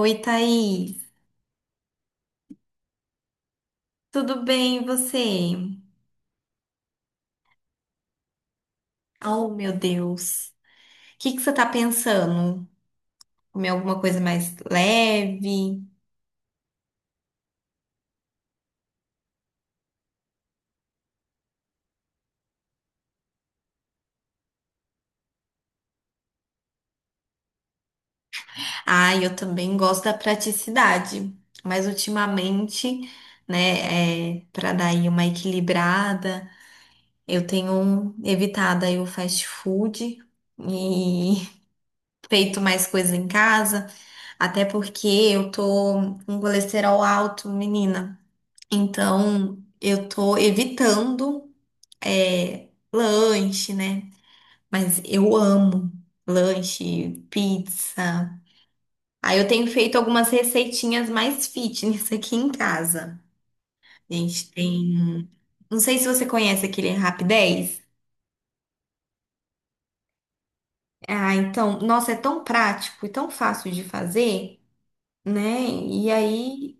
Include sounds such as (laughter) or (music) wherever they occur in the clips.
Oi, Thaís. Tudo bem, e você? Oh, meu Deus. O que que você tá pensando? Comer alguma coisa mais leve? Ah, eu também gosto da praticidade, mas ultimamente, né, para dar aí uma equilibrada, eu tenho evitado aí o fast food e (laughs) feito mais coisa em casa, até porque eu tô com colesterol alto, menina. Então, eu tô evitando lanche, né? Mas eu amo lanche, pizza. Aí eu tenho feito algumas receitinhas mais fitness aqui em casa. A gente tem. Não sei se você conhece aquele Rapidez. Ah, então, nossa, é tão prático e tão fácil de fazer, né? E aí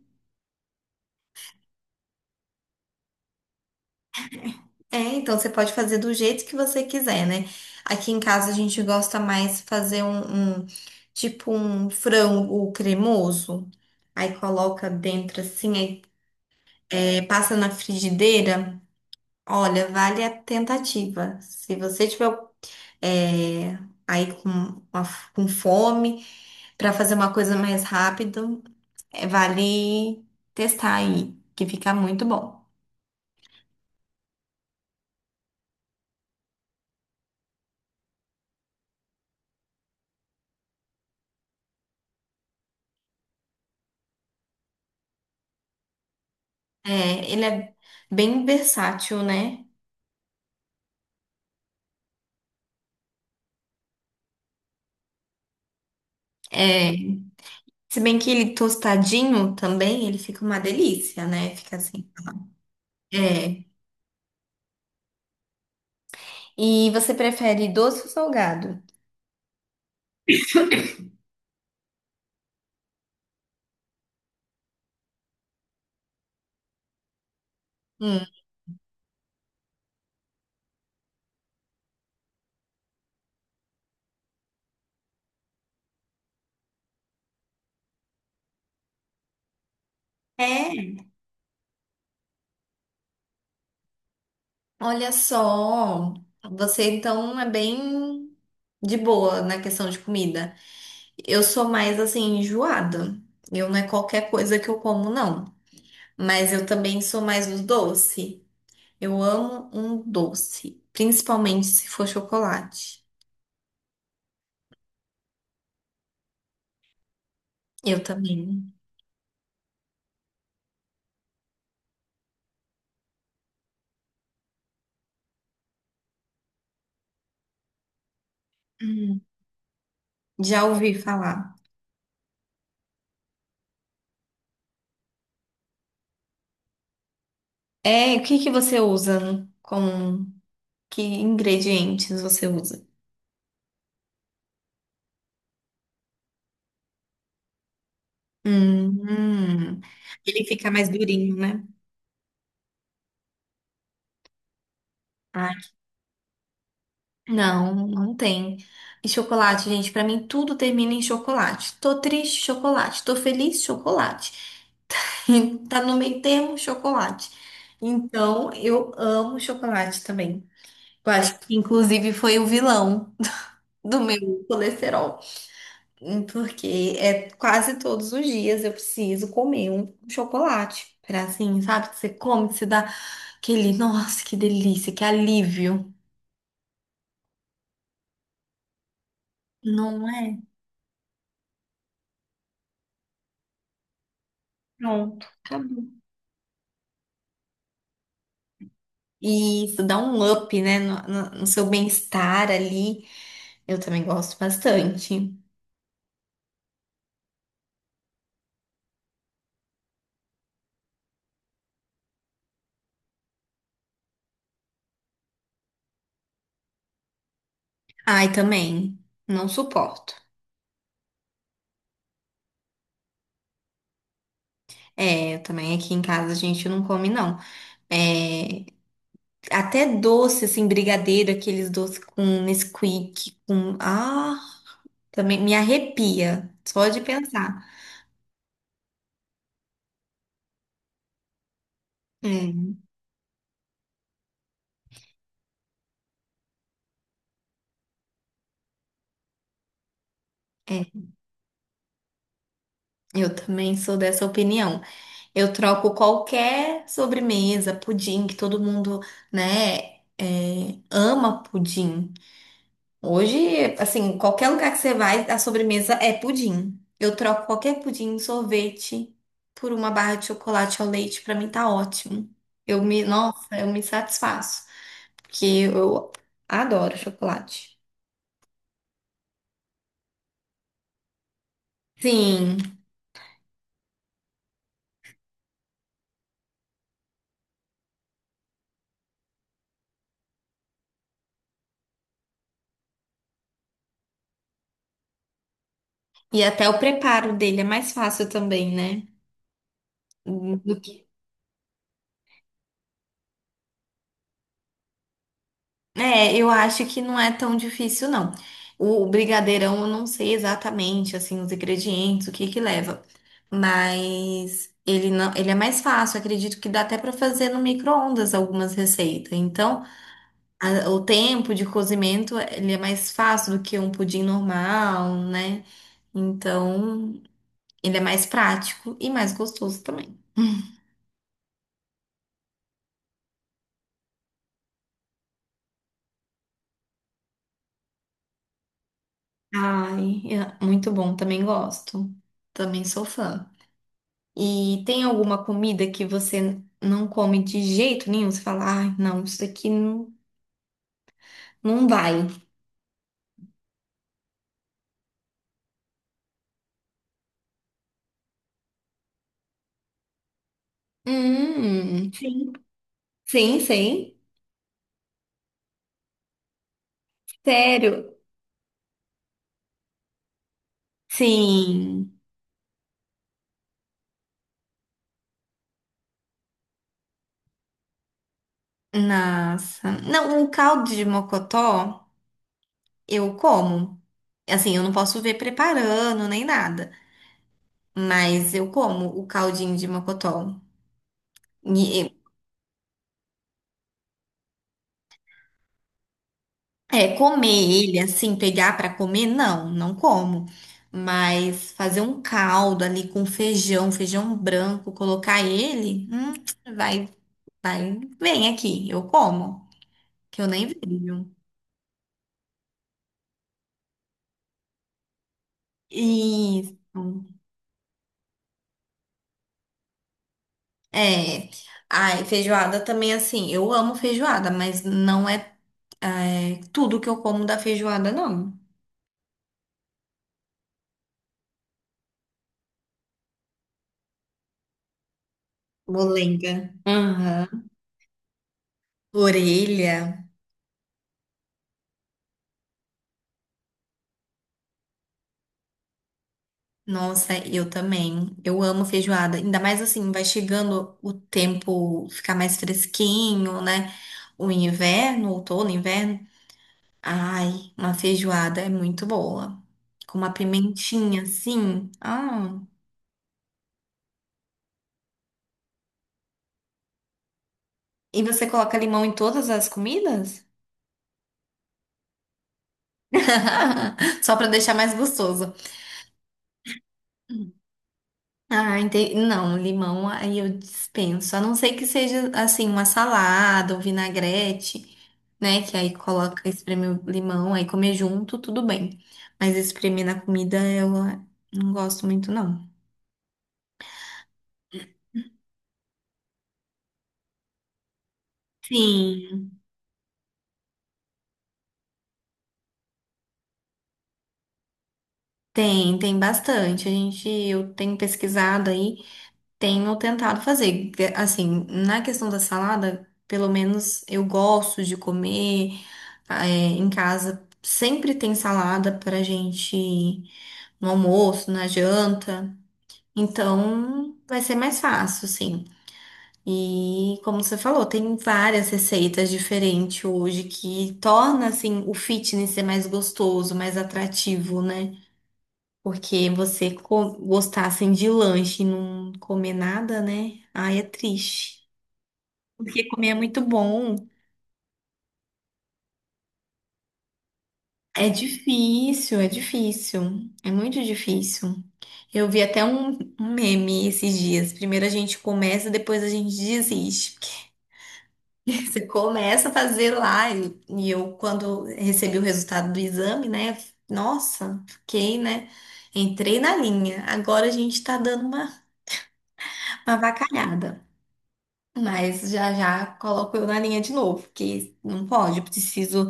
é, então você pode fazer do jeito que você quiser, né? Aqui em casa a gente gosta mais fazer tipo um frango cremoso. Aí coloca dentro assim, aí, passa na frigideira. Olha, vale a tentativa. Se você tiver é, aí com, com fome para fazer uma coisa mais rápido, vale testar aí, que fica muito bom. Ele é bem versátil, né? É. Se bem que ele tostadinho também, ele fica uma delícia, né? Fica assim. É. E você prefere doce ou salgado? Hum. É, olha só. Você então é bem de boa na questão de comida. Eu sou mais assim, enjoada. Eu não é qualquer coisa que eu como, não. Mas eu também sou mais do doce. Eu amo um doce, principalmente se for chocolate. Eu também. Hum. Já ouvi falar. É, o que que você usa com que ingredientes você usa? Hum, hum. Ele fica mais durinho, né? Ah, não, não tem. E chocolate, gente, pra mim tudo termina em chocolate. Tô triste, chocolate. Tô feliz, chocolate. (laughs) Tá no meio termo, chocolate. Então, eu amo chocolate também. Eu acho que inclusive foi o vilão do meu colesterol. Hum. Porque é quase todos os dias eu preciso comer um chocolate. Pra assim, sabe? Que você come, que você dá aquele, nossa, que delícia, que alívio. Não é? Pronto, acabou. E isso dá um up, né? No seu bem-estar ali. Eu também gosto bastante. Ai, também. Não suporto. É, eu também aqui em casa a gente não come, não. É, até doce, assim, brigadeiro, aqueles doces com Nesquik, com, ah, também me arrepia, só de pensar. É, é, eu também sou dessa opinião. Eu troco qualquer sobremesa, pudim, que todo mundo, né, ama pudim. Hoje, assim, qualquer lugar que você vai, a sobremesa é pudim. Eu troco qualquer pudim, sorvete, por uma barra de chocolate ao leite, pra mim tá ótimo. Nossa, eu me satisfaço, porque eu adoro chocolate. Sim. E até o preparo dele é mais fácil também, né? Do que... É, eu acho que não é tão difícil, não. O brigadeirão eu não sei exatamente, assim, os ingredientes, o que que leva. Mas ele não, ele é mais fácil, acredito que dá até para fazer no micro-ondas algumas receitas. Então, a- o tempo de cozimento, ele é mais fácil do que um pudim normal, né? Então, ele é mais prático e mais gostoso também. Ai, é muito bom, também gosto. Também sou fã. E tem alguma comida que você não come de jeito nenhum? Você fala, ai, não, isso aqui não, não vai. Sim. Sim, sim. Sério? Sim. Nossa. Não, um caldo de mocotó eu como. Assim, eu não posso ver preparando nem nada, mas eu como o caldinho de mocotó. É, comer ele assim, pegar pra comer, não, não como. Mas fazer um caldo ali com feijão, feijão branco, colocar ele, vai, vai, vem aqui, eu como, que eu nem vejo. Isso. É. Ai, feijoada também assim, eu amo feijoada, mas não é, tudo que eu como da feijoada, não. Molenga. Aham. Orelha. Nossa, eu também. Eu amo feijoada. Ainda mais assim, vai chegando o tempo ficar mais fresquinho, né? O inverno, outono, inverno. Ai, uma feijoada é muito boa. Com uma pimentinha, assim. Ah. E você coloca limão em todas as comidas? (laughs) Só pra deixar mais gostoso. Ah, entendi. Não, limão aí eu dispenso. A não ser que seja assim, uma salada ou vinagrete, né? Que aí coloca, espreme o limão, aí comer junto, tudo bem. Mas espremer na comida eu não gosto muito, não. Sim. Tem, tem bastante. A gente, eu tenho pesquisado aí, tenho tentado fazer. Assim, na questão da salada, pelo menos eu gosto de comer, eh, em casa. Sempre tem salada pra gente, no almoço, na janta. Então, vai ser mais fácil, sim. E como você falou, tem várias receitas diferentes hoje que torna assim o fitness ser mais gostoso, mais atrativo, né? Porque você co- gostar assim de lanche e não comer nada, né? Ai, é triste. Porque comer é muito bom. É difícil, é difícil. É muito difícil. Eu vi até um meme esses dias. Primeiro a gente começa, depois a gente desiste. Porque (laughs) você começa a fazer lá. E eu, quando recebi o resultado do exame, né? Nossa, fiquei, né? Entrei na linha. Agora a gente tá dando uma avacalhada. Mas já já coloco eu na linha de novo. Porque não pode, eu preciso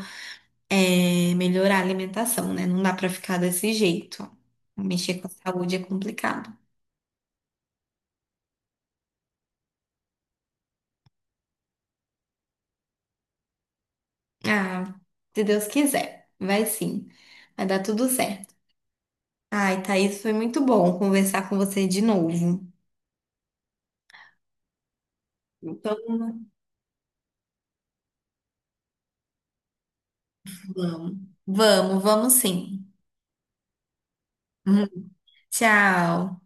melhorar a alimentação, né? Não dá pra ficar desse jeito. Mexer com a saúde é complicado. Ah, se Deus quiser, vai sim. Vai dar tudo certo. Ai, Thaís, foi muito bom conversar com você de novo. Então, vamos, vamos, vamos sim. Uhum. Tchau.